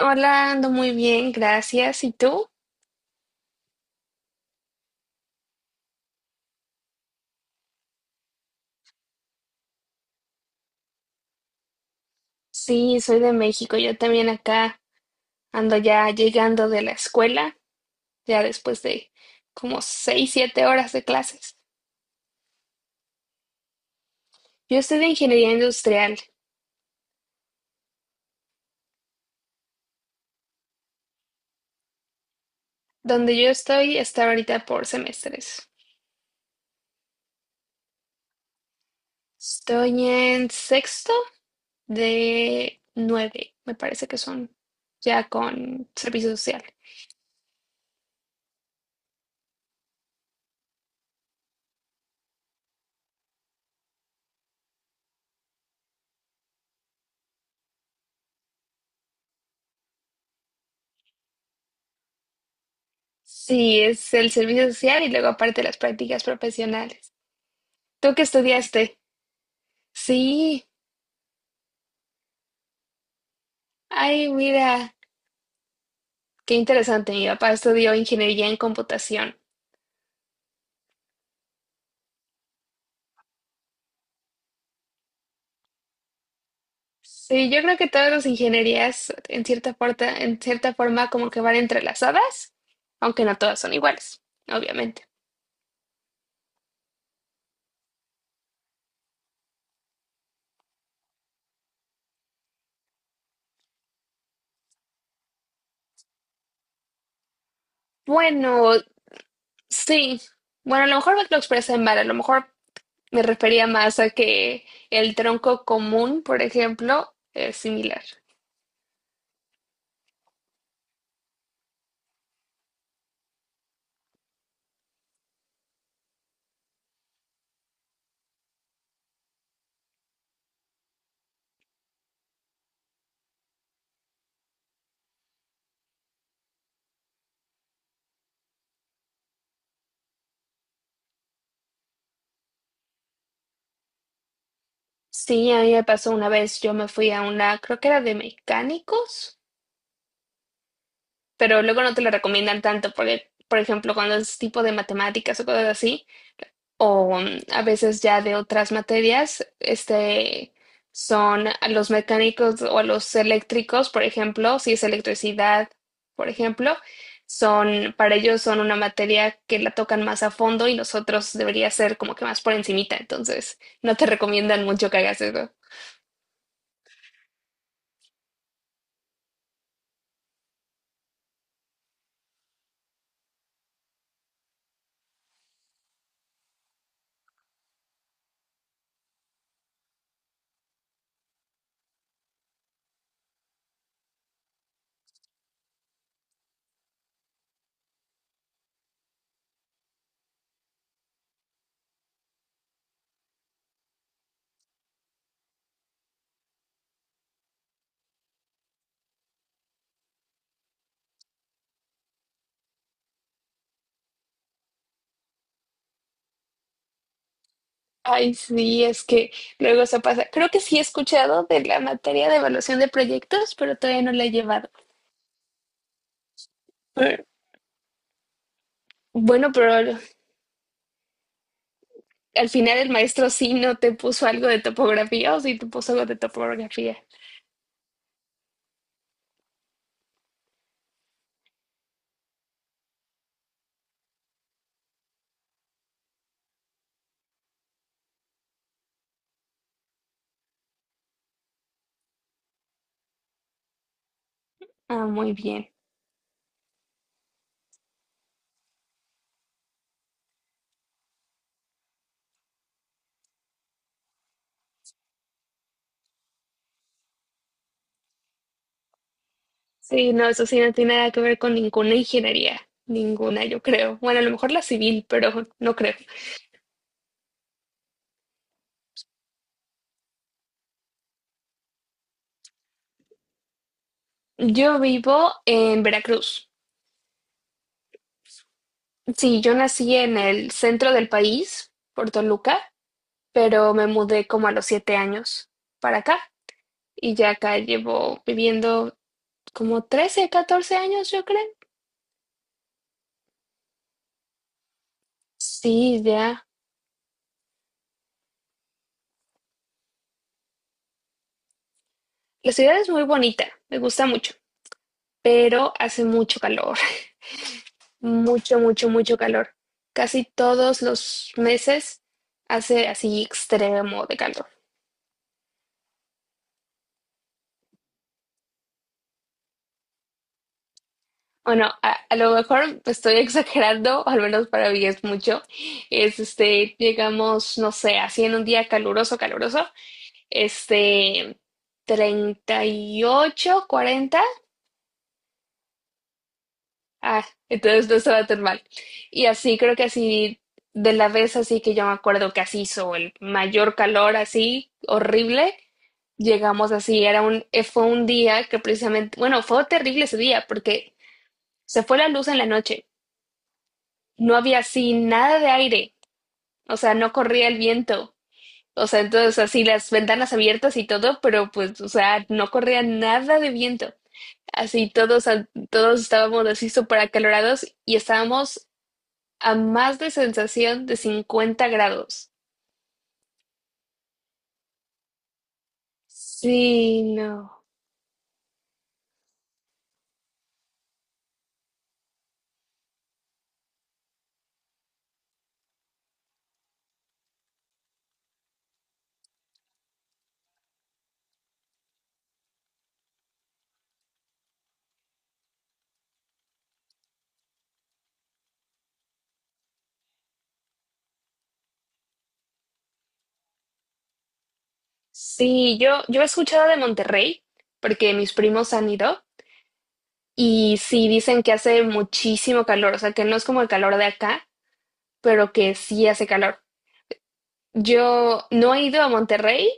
Hola, ando muy bien, gracias. ¿Y tú? Sí, soy de México. Yo también acá ando ya llegando de la escuela, ya después de como 6, 7 horas de clases. Yo estoy de ingeniería industrial. Donde yo estoy está ahorita por semestres. Estoy en sexto de nueve, me parece que son ya con servicio social. Sí, es el servicio social y luego aparte las prácticas profesionales. ¿Tú qué estudiaste? Sí. Ay, mira, qué interesante. Mi papá estudió ingeniería en computación. Sí, yo creo que todas las ingenierías, en cierta forma, como que van entrelazadas, aunque no todas son iguales, obviamente. Bueno, sí. Bueno, a lo mejor lo expresé mal, a lo mejor me refería más a que el tronco común, por ejemplo, es similar. Sí, a mí me pasó una vez, yo me fui a una, creo que era de mecánicos. Pero luego no te lo recomiendan tanto porque, por ejemplo, cuando es tipo de matemáticas o cosas así, o a veces ya de otras materias, este, son a los mecánicos o a los eléctricos, por ejemplo, si es electricidad, por ejemplo, son, para ellos son una materia que la tocan más a fondo y nosotros debería ser como que más por encimita, entonces no te recomiendan mucho que hagas eso. Ay, sí, es que luego se pasa. Creo que sí he escuchado de la materia de evaluación de proyectos, pero todavía no la he llevado. Eh, Bueno, pero al final el maestro sí no te puso algo de topografía o sí te puso algo de topografía. Ah, muy bien. Sí, no, eso sí no tiene nada que ver con ninguna ingeniería. Ninguna, yo creo. Bueno, a lo mejor la civil, pero no creo. Yo vivo en Veracruz. Sí, yo nací en el centro del país, por Luca. Pero me mudé como a los 7 años para acá y ya acá llevo viviendo como 13, 14 años, yo creo. Sí, ya. La ciudad es muy bonita, me gusta mucho, pero hace mucho calor, mucho, mucho, mucho calor. Casi todos los meses hace así extremo de calor. Bueno, a lo mejor estoy exagerando, o al menos para mí es mucho. Es este, llegamos, no sé, así en un día caluroso, caluroso. Este, 38, 40. Ah, entonces no estaba tan mal. Y así, creo que así, de la vez así que yo me acuerdo que así hizo el mayor calor, así, horrible. Llegamos así, era un, fue un día que precisamente, bueno, fue terrible ese día porque se fue la luz en la noche. No había así nada de aire, o sea, no corría el viento. O sea, entonces así las ventanas abiertas y todo, pero pues, o sea, no corría nada de viento. Así todos, todos estábamos así súper acalorados y estábamos a más de sensación de 50 grados. Sí, no. Sí, yo he escuchado de Monterrey porque mis primos han ido y sí dicen que hace muchísimo calor, o sea que no es como el calor de acá, pero que sí hace calor. Yo no he ido a Monterrey,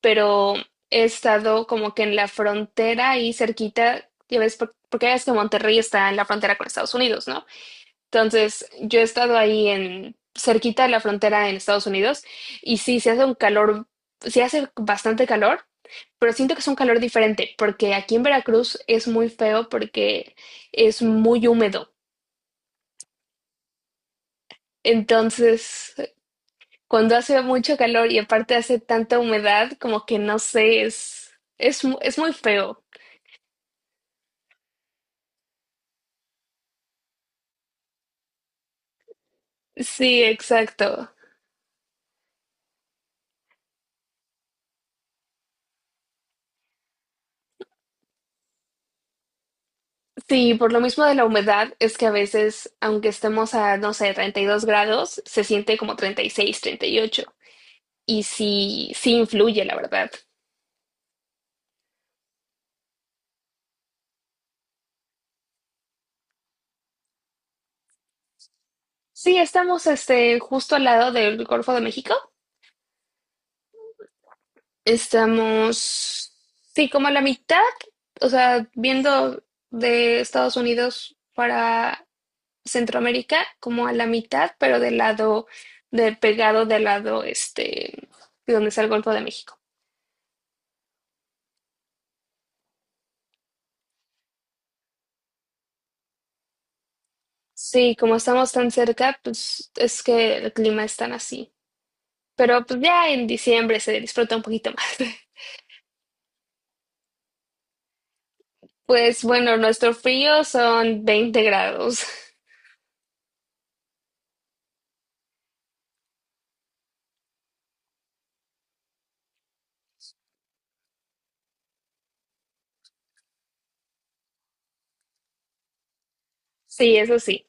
pero he estado como que en la frontera ahí cerquita, ya ves, porque ya ves que Monterrey está en la frontera con Estados Unidos, ¿no? Entonces, yo he estado ahí en cerquita de la frontera en Estados Unidos y sí, se hace un calor, sí hace bastante calor, pero siento que es un calor diferente porque aquí en Veracruz es muy feo porque es muy húmedo. Entonces, cuando hace mucho calor y aparte hace tanta humedad, como que no sé, es muy feo. Sí, exacto. Sí, por lo mismo de la humedad, es que a veces, aunque estemos a, no sé, 32 grados, se siente como 36, 38. Y ocho. Y sí, sí influye, la verdad. Sí, estamos este, justo al lado del Golfo de México. Estamos, sí, como a la mitad, o sea, viendo de Estados Unidos para Centroamérica, como a la mitad, pero del lado, de pegado del lado, este, de donde está el Golfo de México. Sí, como estamos tan cerca, pues es que el clima es tan así. Pero pues ya en diciembre se disfruta un poquito más. Pues bueno, nuestro frío son 20 grados. Sí, eso sí.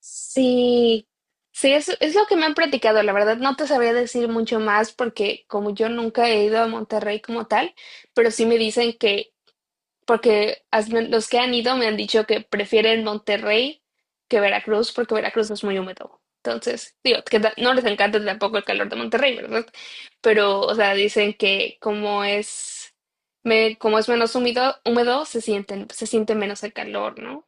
Sí, sí, es lo que me han platicado. La verdad, no te sabría decir mucho más porque como yo nunca he ido a Monterrey como tal, pero sí me dicen que porque los que han ido me han dicho que prefieren Monterrey que Veracruz, porque Veracruz es muy húmedo. Entonces, digo, que no les encanta tampoco el calor de Monterrey, ¿verdad? Pero, o sea, dicen que como es, me, como es menos húmedo, se siente menos el calor, ¿no?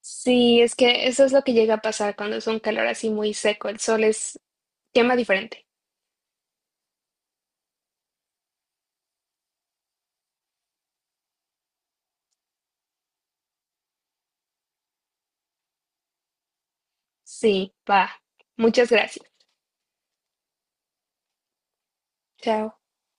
Sí, es que eso es lo que llega a pasar cuando es un calor así muy seco. El sol es, quema diferente. Sí, va. Muchas gracias. Chao.